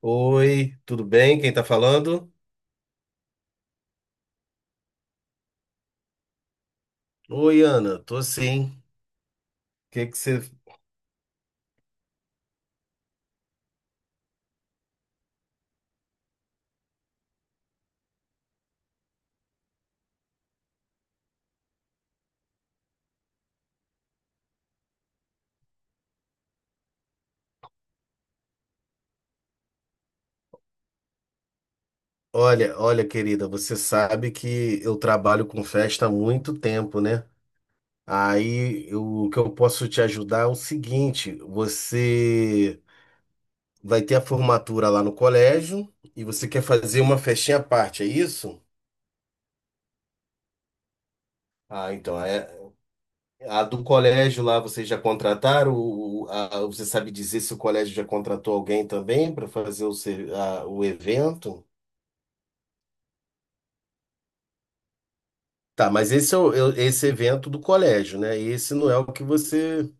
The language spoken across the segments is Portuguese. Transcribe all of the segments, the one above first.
Oi, tudo bem? Quem tá falando? Oi, Ana, tô sim. Que você... Olha, olha, querida, você sabe que eu trabalho com festa há muito tempo, né? Aí o que eu posso te ajudar é o seguinte: você vai ter a formatura lá no colégio e você quer fazer uma festinha à parte, é isso? Ah, então, é... A do colégio lá, vocês já contrataram? Você sabe dizer se o colégio já contratou alguém também para fazer o evento? Tá, mas esse é esse evento do colégio, né? E esse não é o que você.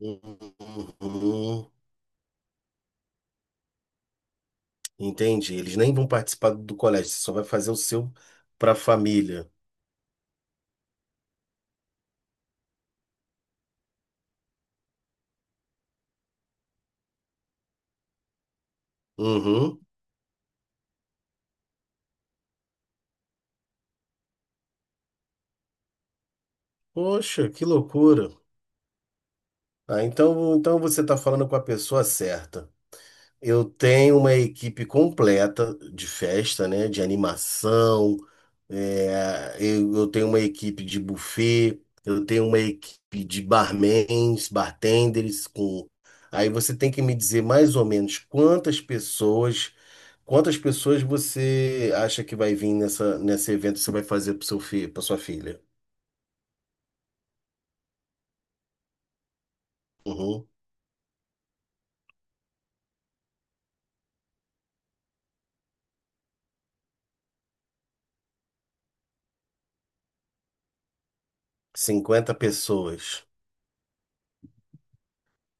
Uhum, entendi. Eles nem vão participar do colégio, você só vai fazer o seu para a família. Uhum. Poxa, que loucura. Ah, então, então você está falando com a pessoa certa. Eu tenho uma equipe completa de festa, né? De animação. É, eu tenho uma equipe de buffet. Eu tenho uma equipe de barmans, bartenders. Com... Aí você tem que me dizer mais ou menos quantas pessoas você acha que vai vir nessa, nesse evento que você vai fazer para seu filho, para sua filha? Uhum. 50 pessoas.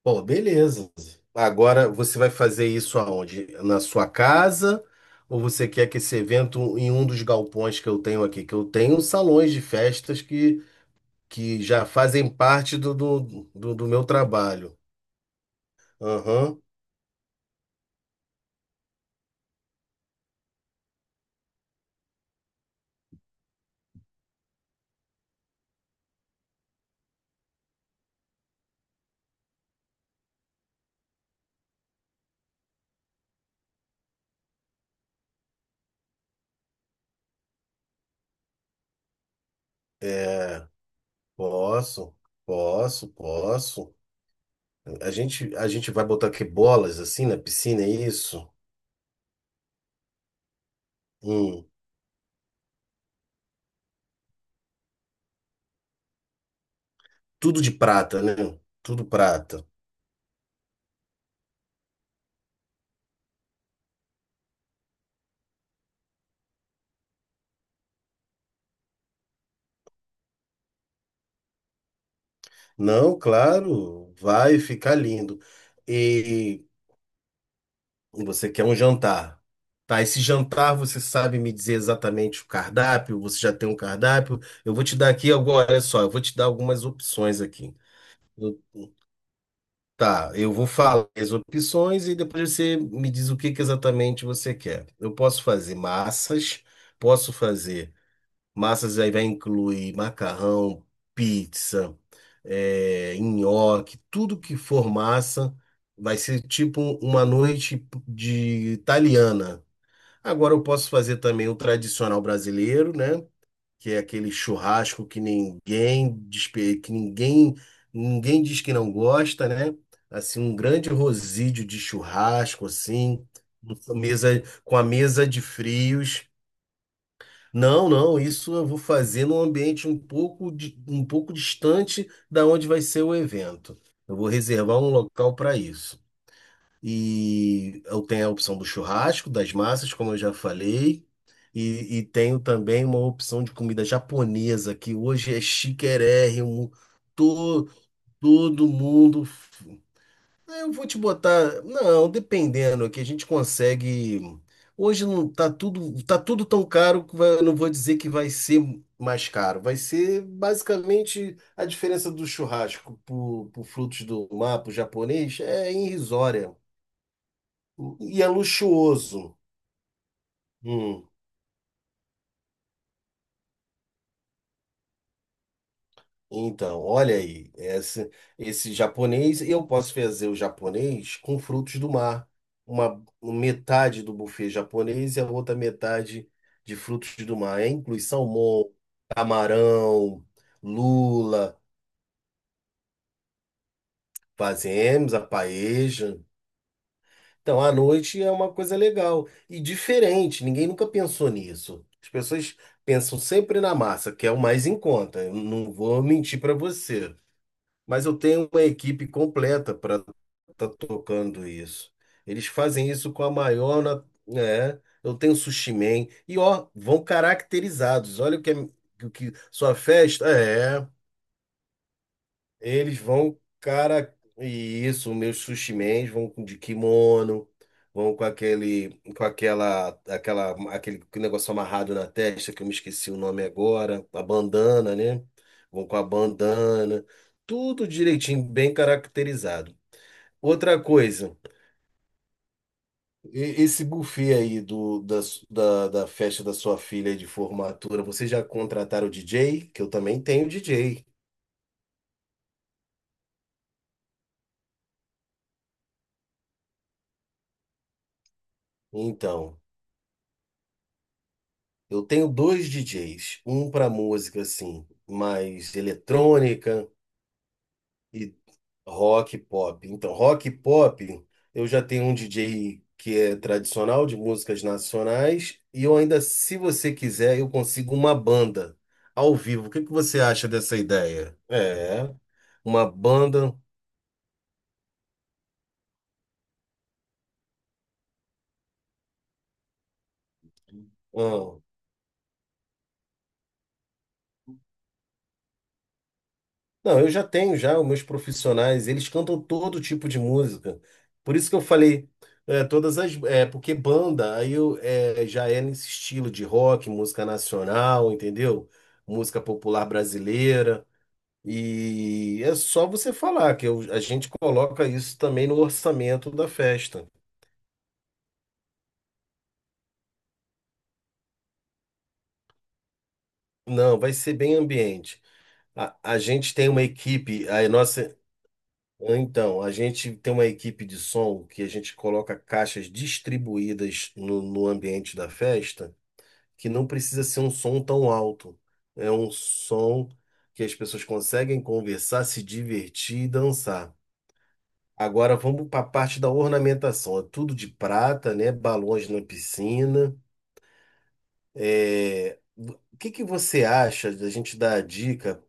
Bom, beleza. Agora você vai fazer isso aonde? Na sua casa? Ou você quer que esse evento em um dos galpões que eu tenho aqui? Que eu tenho salões de festas que já fazem parte do meu trabalho. Aham. É, posso, posso. A gente vai botar aqui bolas assim na piscina, é isso? Hum. Tudo de prata, né? Tudo prata. Não, claro, vai ficar lindo. E você quer um jantar. Tá, esse jantar você sabe me dizer exatamente o cardápio? Você já tem um cardápio? Eu vou te dar aqui agora, olha só, eu vou te dar algumas opções aqui. Eu- tá, eu vou falar as opções e depois você me diz o que que exatamente você quer. Eu posso fazer massas aí vai incluir macarrão, pizza, é, nhoque, tudo que for massa vai ser tipo uma noite de italiana. Agora eu posso fazer também o tradicional brasileiro, né? Que é aquele churrasco que ninguém diz que não gosta, né? Assim, um grande rosídio de churrasco, assim, com mesa, com a mesa de frios. Não, não, isso eu vou fazer num ambiente um pouco distante da onde vai ser o evento. Eu vou reservar um local para isso. E eu tenho a opção do churrasco, das massas, como eu já falei. E tenho também uma opção de comida japonesa, que hoje é chiquérrimo. Todo, todo mundo. Ah, eu vou te botar. Não, dependendo, é que a gente consegue. Hoje não tá tudo, tá tudo tão caro que vai- eu não vou dizer que vai ser mais caro. Vai ser basicamente a diferença do churrasco pro frutos do mar, pro japonês, é irrisória. E é luxuoso. Hum. Então, olha aí, esse japonês, eu posso fazer o japonês com frutos do mar. Metade do buffet japonês e a outra metade de frutos do mar. É, inclui salmão, camarão, lula, fazemos a paeja. Então, à noite é uma coisa legal e diferente, ninguém nunca pensou nisso. As pessoas pensam sempre na massa, que é o mais em conta. Eu não vou mentir para você. Mas eu tenho uma equipe completa para estar tocando isso. Eles fazem isso com a maior, na- é, eu tenho sushi man e ó, vão caracterizados. Olha o que é, o que sua festa é. Eles vão, cara, e isso, meus sushi men vão com de kimono, vão com aquele, com aquela, aquela, aquele negócio amarrado na testa, que eu me esqueci o nome agora, a bandana, né? Vão com a bandana, tudo direitinho, bem caracterizado. Outra coisa, esse buffet aí do, da, su- da, da festa da sua filha aí de formatura, vocês já contrataram o DJ? Que eu também tenho DJ. Então. Eu tenho dois DJs, um para música assim, mais eletrônica e rock e pop. Então, rock e pop, eu já tenho um DJ que é tradicional de músicas nacionais e eu ainda, se você quiser, eu consigo uma banda ao vivo. O que que você acha dessa ideia? É, uma banda. Não, eu já tenho já os meus profissionais, eles cantam todo tipo de música. Por isso que eu falei, é, todas as, é, porque banda, aí eu, é, já é nesse estilo de rock, música nacional, entendeu? Música popular brasileira. E é só você falar que a gente coloca isso também no orçamento da festa. Não, vai ser bem ambiente. A gente tem uma equipe, a nossa. Então, a gente tem uma equipe de som que a gente coloca caixas distribuídas no ambiente da festa, que não precisa ser um som tão alto. É um som que as pessoas conseguem conversar, se divertir e dançar. Agora vamos para a parte da ornamentação. É tudo de prata, né? Balões na piscina. É, o que que você acha da gente dar a dica?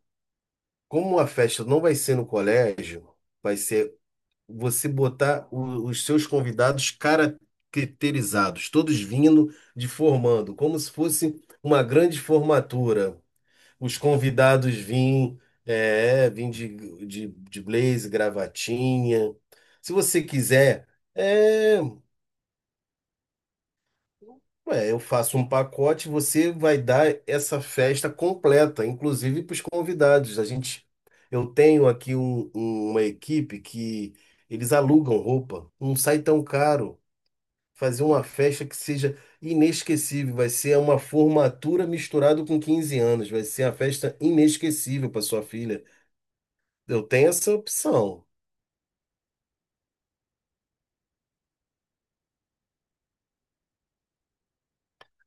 Como a festa não vai ser no colégio, vai ser você botar os seus convidados caracterizados, todos vindo de formando, como se fosse uma grande formatura. Os convidados vêm, é, vêm de blazer, gravatinha. Se você quiser, é. Ué, eu faço um pacote, você vai dar essa festa completa, inclusive para os convidados. A gente, eu tenho aqui uma equipe que eles alugam roupa, não sai tão caro. Fazer uma festa que seja inesquecível, vai ser uma formatura misturado com 15 anos, vai ser uma festa inesquecível para sua filha. Eu tenho essa opção.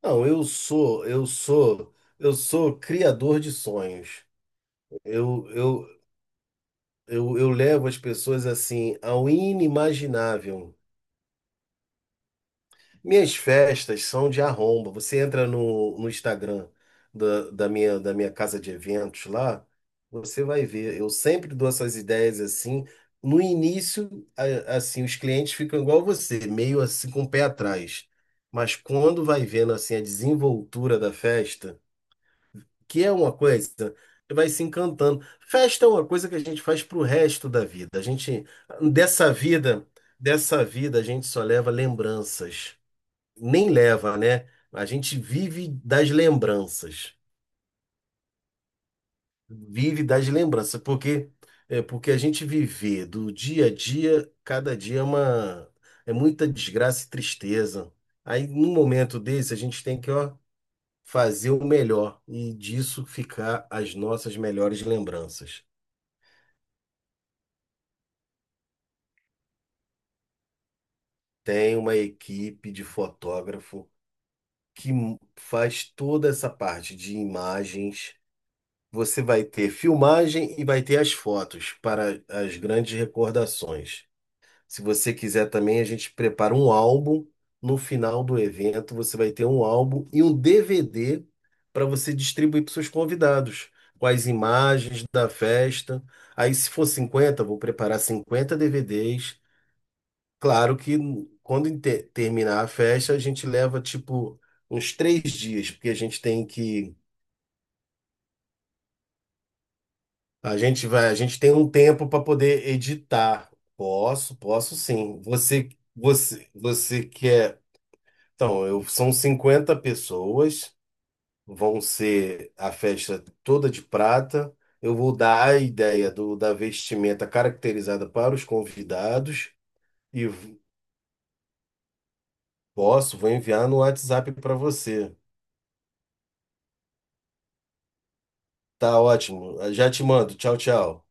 Não, eu sou criador de sonhos. Eu, eu, eu levo as pessoas assim ao inimaginável. Minhas festas são de arromba. Você entra no Instagram da minha casa de eventos lá, você vai ver. Eu sempre dou essas ideias assim. No início, assim, os clientes ficam igual você, meio assim com o pé atrás. Mas quando vai vendo assim a desenvoltura da festa, que é uma coisa, que vai se encantando. Festa é uma coisa que a gente faz pro resto da vida. A gente, dessa vida, dessa vida, a gente só leva lembranças. Nem leva, né? A gente vive das lembranças. Vive das lembranças, porque é porque a gente viver do dia a dia, cada dia é uma é muita desgraça e tristeza. Aí, num momento desse, a gente tem que, ó, fazer o melhor e disso ficar as nossas melhores lembranças. Tem uma equipe de fotógrafo que faz toda essa parte de imagens. Você vai ter filmagem e vai ter as fotos para as grandes recordações. Se você quiser também, a gente prepara um álbum. No final do evento, você vai ter um álbum e um DVD para você distribuir para os seus convidados, com as imagens da festa. Aí, se for 50 vou preparar 50 DVDs. Claro que quando terminar a festa, a gente leva tipo uns 3 dias, porque a gente tem que. A gente vai, a gente tem um tempo para poder editar. Posso, posso sim. Você quer. Então, são 50 pessoas, vão ser a festa toda de prata. Eu vou dar a ideia da vestimenta caracterizada para os convidados e v- posso, vou enviar no WhatsApp para você. Tá ótimo. Já te mando. Tchau, tchau.